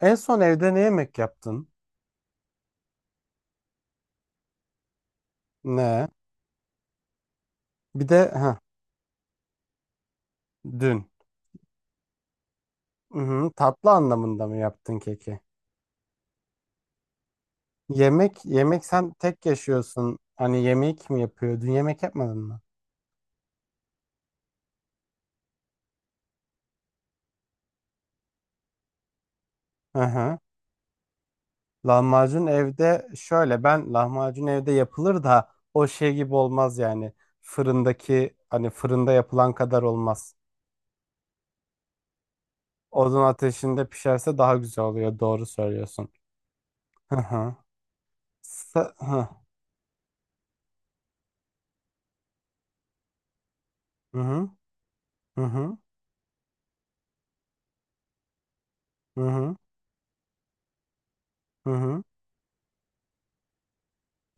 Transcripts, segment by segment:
En son evde ne yemek yaptın? Ne? Bir de ha dün. Hı-hı, tatlı anlamında mı yaptın keki? Yemek yemek sen tek yaşıyorsun. Hani yemek kim yapıyor? Dün yemek yapmadın mı? Hı-hı. Lahmacun evde şöyle ben lahmacun evde yapılır da o şey gibi olmaz yani. Fırındaki hani fırında yapılan kadar olmaz. Odun ateşinde pişerse daha güzel oluyor. Doğru söylüyorsun. Hı hı. Hı. Hı hı. Hı hı. Hı hı. Hı hı.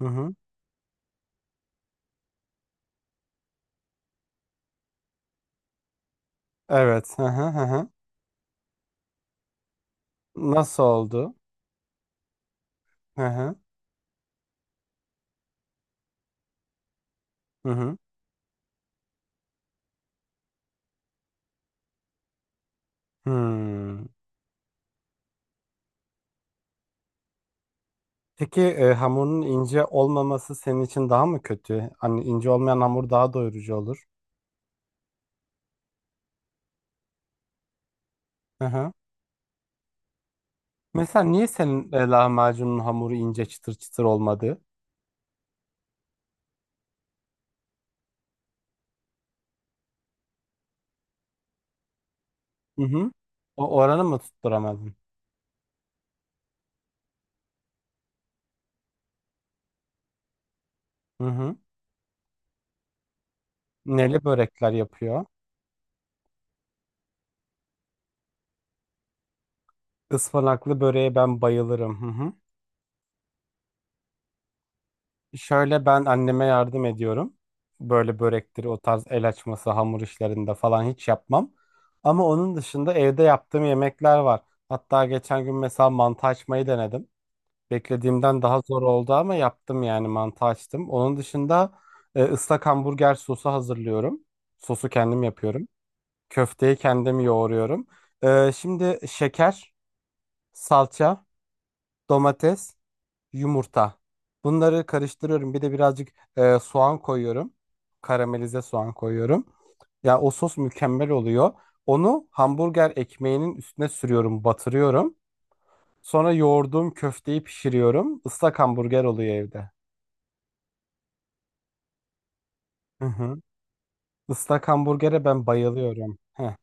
Hı hı. Evet. Hı hı hı. Hı. Nasıl oldu? Hı hı. Hı hı. Hmm. Peki hamurun ince olmaması senin için daha mı kötü? Hani ince olmayan hamur daha doyurucu olur. Hı hı. Mesela niye senin lahmacunun hamuru ince çıtır çıtır olmadı? Hı hı. O oranı mı tutturamadın? Hı hı. Neli börekler yapıyor? Ispanaklı böreğe ben bayılırım. Hı. Şöyle ben anneme yardım ediyorum. Böyle börektir, o tarz el açması, hamur işlerinde falan hiç yapmam. Ama onun dışında evde yaptığım yemekler var. Hatta geçen gün mesela mantı açmayı denedim. Beklediğimden daha zor oldu ama yaptım yani mantı açtım. Onun dışında ıslak hamburger sosu hazırlıyorum. Sosu kendim yapıyorum. Köfteyi kendim yoğuruyorum. Şimdi şeker, salça, domates, yumurta. Bunları karıştırıyorum. Bir de birazcık soğan koyuyorum. Karamelize soğan koyuyorum. Ya o sos mükemmel oluyor. Onu hamburger ekmeğinin üstüne sürüyorum, batırıyorum. Sonra yoğurduğum köfteyi pişiriyorum. Islak hamburger oluyor evde. Hı hı. Islak hamburgere ben bayılıyorum. Heh.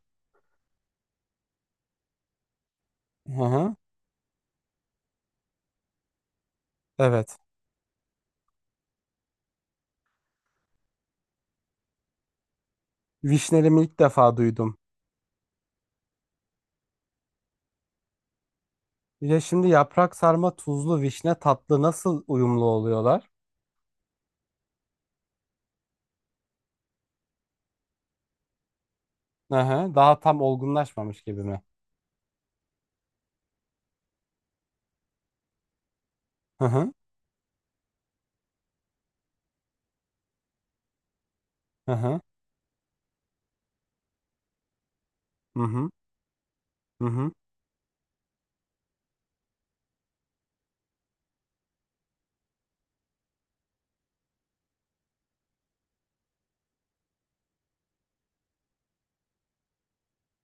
Hı hı. Evet. Vişnelimi ilk defa duydum. Ya şimdi yaprak sarma tuzlu vişne tatlı nasıl uyumlu oluyorlar? Hı hı. Daha tam olgunlaşmamış gibi mi? Hı hı. Hı hı. Hı hı. Hı hı.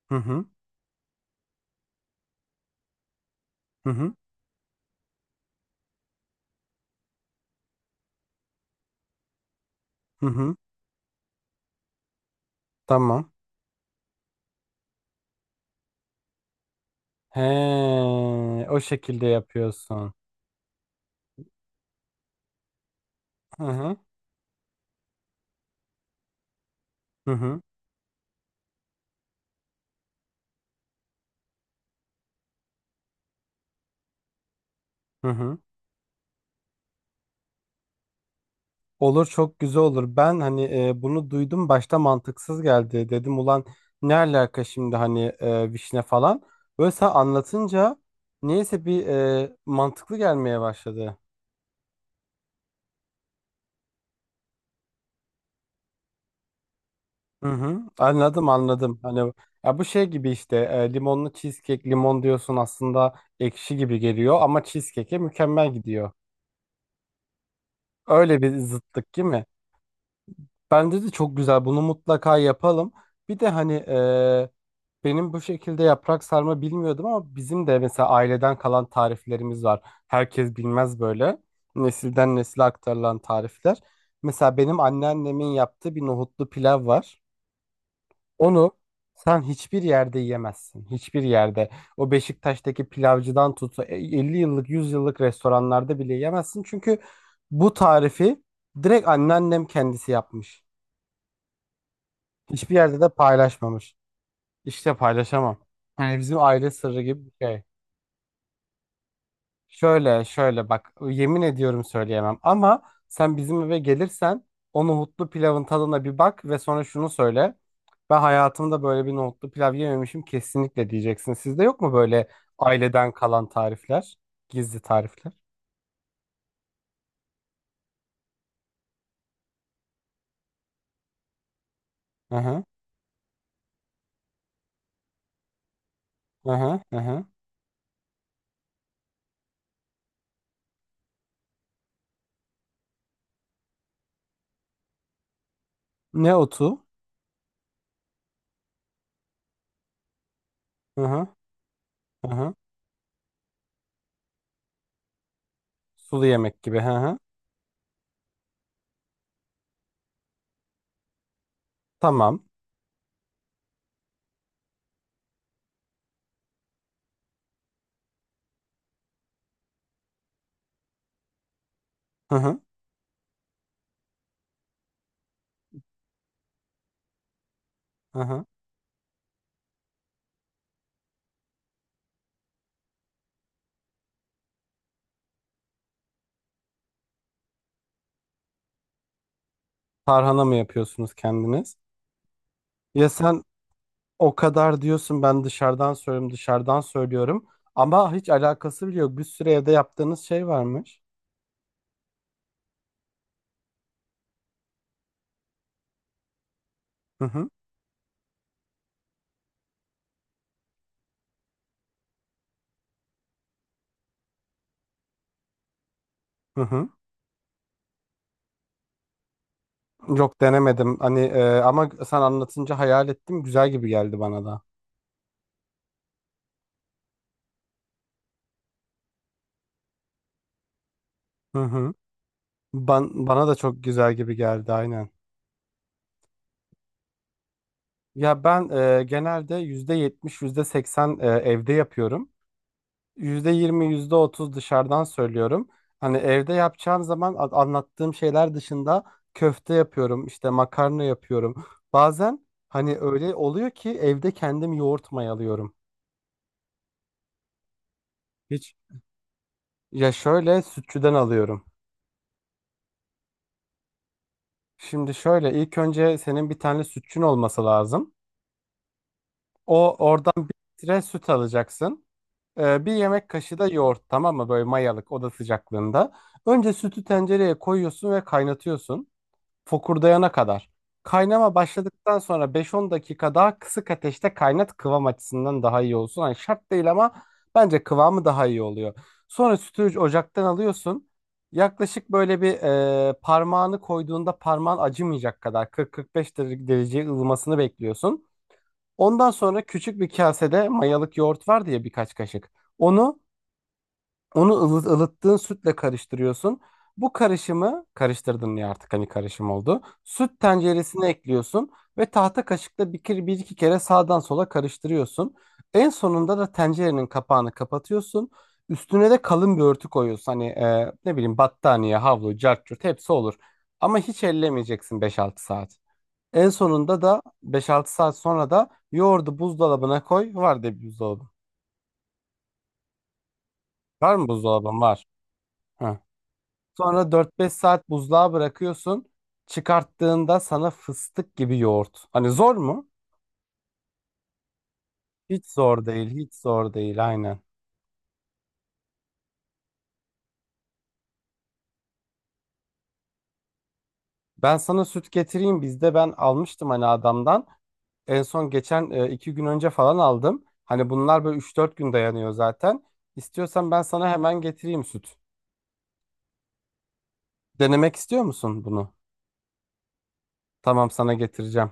Hı hı. Hı hı. Hı hı. Tamam. He, o şekilde yapıyorsun. Hı hı. Hı hı. Hı hı. Olur, çok güzel olur. Ben hani bunu duydum başta mantıksız geldi. Dedim ulan ne alaka şimdi hani vişne falan. Böyle sen anlatınca neyse bir mantıklı gelmeye başladı. Hı hı. Anladım, anladım. Hani ya bu şey gibi işte limonlu cheesecake, limon diyorsun aslında ekşi gibi geliyor ama cheesecake'e mükemmel gidiyor. Öyle bir zıttık değil mi? Bence de çok güzel. Bunu mutlaka yapalım. Bir de hani benim bu şekilde yaprak sarma bilmiyordum ama bizim de mesela aileden kalan tariflerimiz var. Herkes bilmez böyle. Nesilden nesile aktarılan tarifler. Mesela benim anneannemin yaptığı bir nohutlu pilav var. Onu sen hiçbir yerde yiyemezsin. Hiçbir yerde. O Beşiktaş'taki pilavcıdan tut, 50 yıllık 100 yıllık restoranlarda bile yiyemezsin. Çünkü bu tarifi direkt anneannem kendisi yapmış. Hiçbir yerde de paylaşmamış. İşte paylaşamam. Yani bizim aile sırrı gibi bir şey. Şöyle şöyle bak, yemin ediyorum söyleyemem ama sen bizim eve gelirsen o nohutlu pilavın tadına bir bak ve sonra şunu söyle. Ben hayatımda böyle bir nohutlu pilav yememişim kesinlikle diyeceksin. Sizde yok mu böyle aileden kalan tarifler? Gizli tarifler. Hı hı, hı hı, hı hı. Ne otu? Hı hı, hı hı. Sulu yemek gibi. Hı hı. Tamam. Hı hı, hı hı. Tarhana mı yapıyorsunuz kendiniz? Ya sen, o kadar diyorsun ben dışarıdan söylüyorum dışarıdan söylüyorum ama hiç alakası bile yok. Bir sürü evde yaptığınız şey varmış. Hı hı, hı hı. Yok, denemedim hani ama sen anlatınca hayal ettim, güzel gibi geldi bana da. Hı hı. Ben, bana da çok güzel gibi geldi aynen. Ya ben genelde %70 %80 evde yapıyorum. %20, %30 dışarıdan söylüyorum. Hani evde yapacağın zaman anlattığım şeyler dışında köfte yapıyorum, işte makarna yapıyorum. Bazen hani öyle oluyor ki evde kendim yoğurt mayalıyorum. Hiç, ya şöyle sütçüden alıyorum. Şimdi şöyle, ilk önce senin bir tane sütçün olması lazım. O oradan bir litre süt alacaksın. Bir yemek kaşığı da yoğurt, tamam mı? Böyle mayalık, oda sıcaklığında. Önce sütü tencereye koyuyorsun ve kaynatıyorsun. Fokurdayana kadar. Kaynama başladıktan sonra 5-10 dakika daha kısık ateşte kaynat, kıvam açısından daha iyi olsun. Hani şart değil ama bence kıvamı daha iyi oluyor. Sonra sütü ocaktan alıyorsun. Yaklaşık böyle bir, parmağını koyduğunda parmağın acımayacak kadar 40-45 dereceye ılımasını bekliyorsun. Ondan sonra küçük bir kasede mayalık yoğurt var diye birkaç kaşık. Onu onu ılıttığın sütle karıştırıyorsun. Bu karışımı karıştırdın ya, artık hani karışım oldu. Süt tenceresine ekliyorsun ve tahta kaşıkla bir iki kere sağdan sola karıştırıyorsun. En sonunda da tencerenin kapağını kapatıyorsun. Üstüne de kalın bir örtü koyuyorsun. Hani ne bileyim, battaniye, havlu, cart curt hepsi olur. Ama hiç ellemeyeceksin 5-6 saat. En sonunda da 5-6 saat sonra da yoğurdu buzdolabına koy. Var de buzdolabı. Var mı buzdolabın? Var. Hı. Sonra 4-5 saat buzluğa bırakıyorsun. Çıkarttığında sana fıstık gibi yoğurt. Hani zor mu? Hiç zor değil, hiç zor değil aynen. Ben sana süt getireyim. Bizde ben almıştım hani adamdan. En son geçen 2 gün önce falan aldım. Hani bunlar böyle 3-4 gün dayanıyor zaten. İstiyorsan ben sana hemen getireyim süt. Denemek istiyor musun bunu? Tamam, sana getireceğim.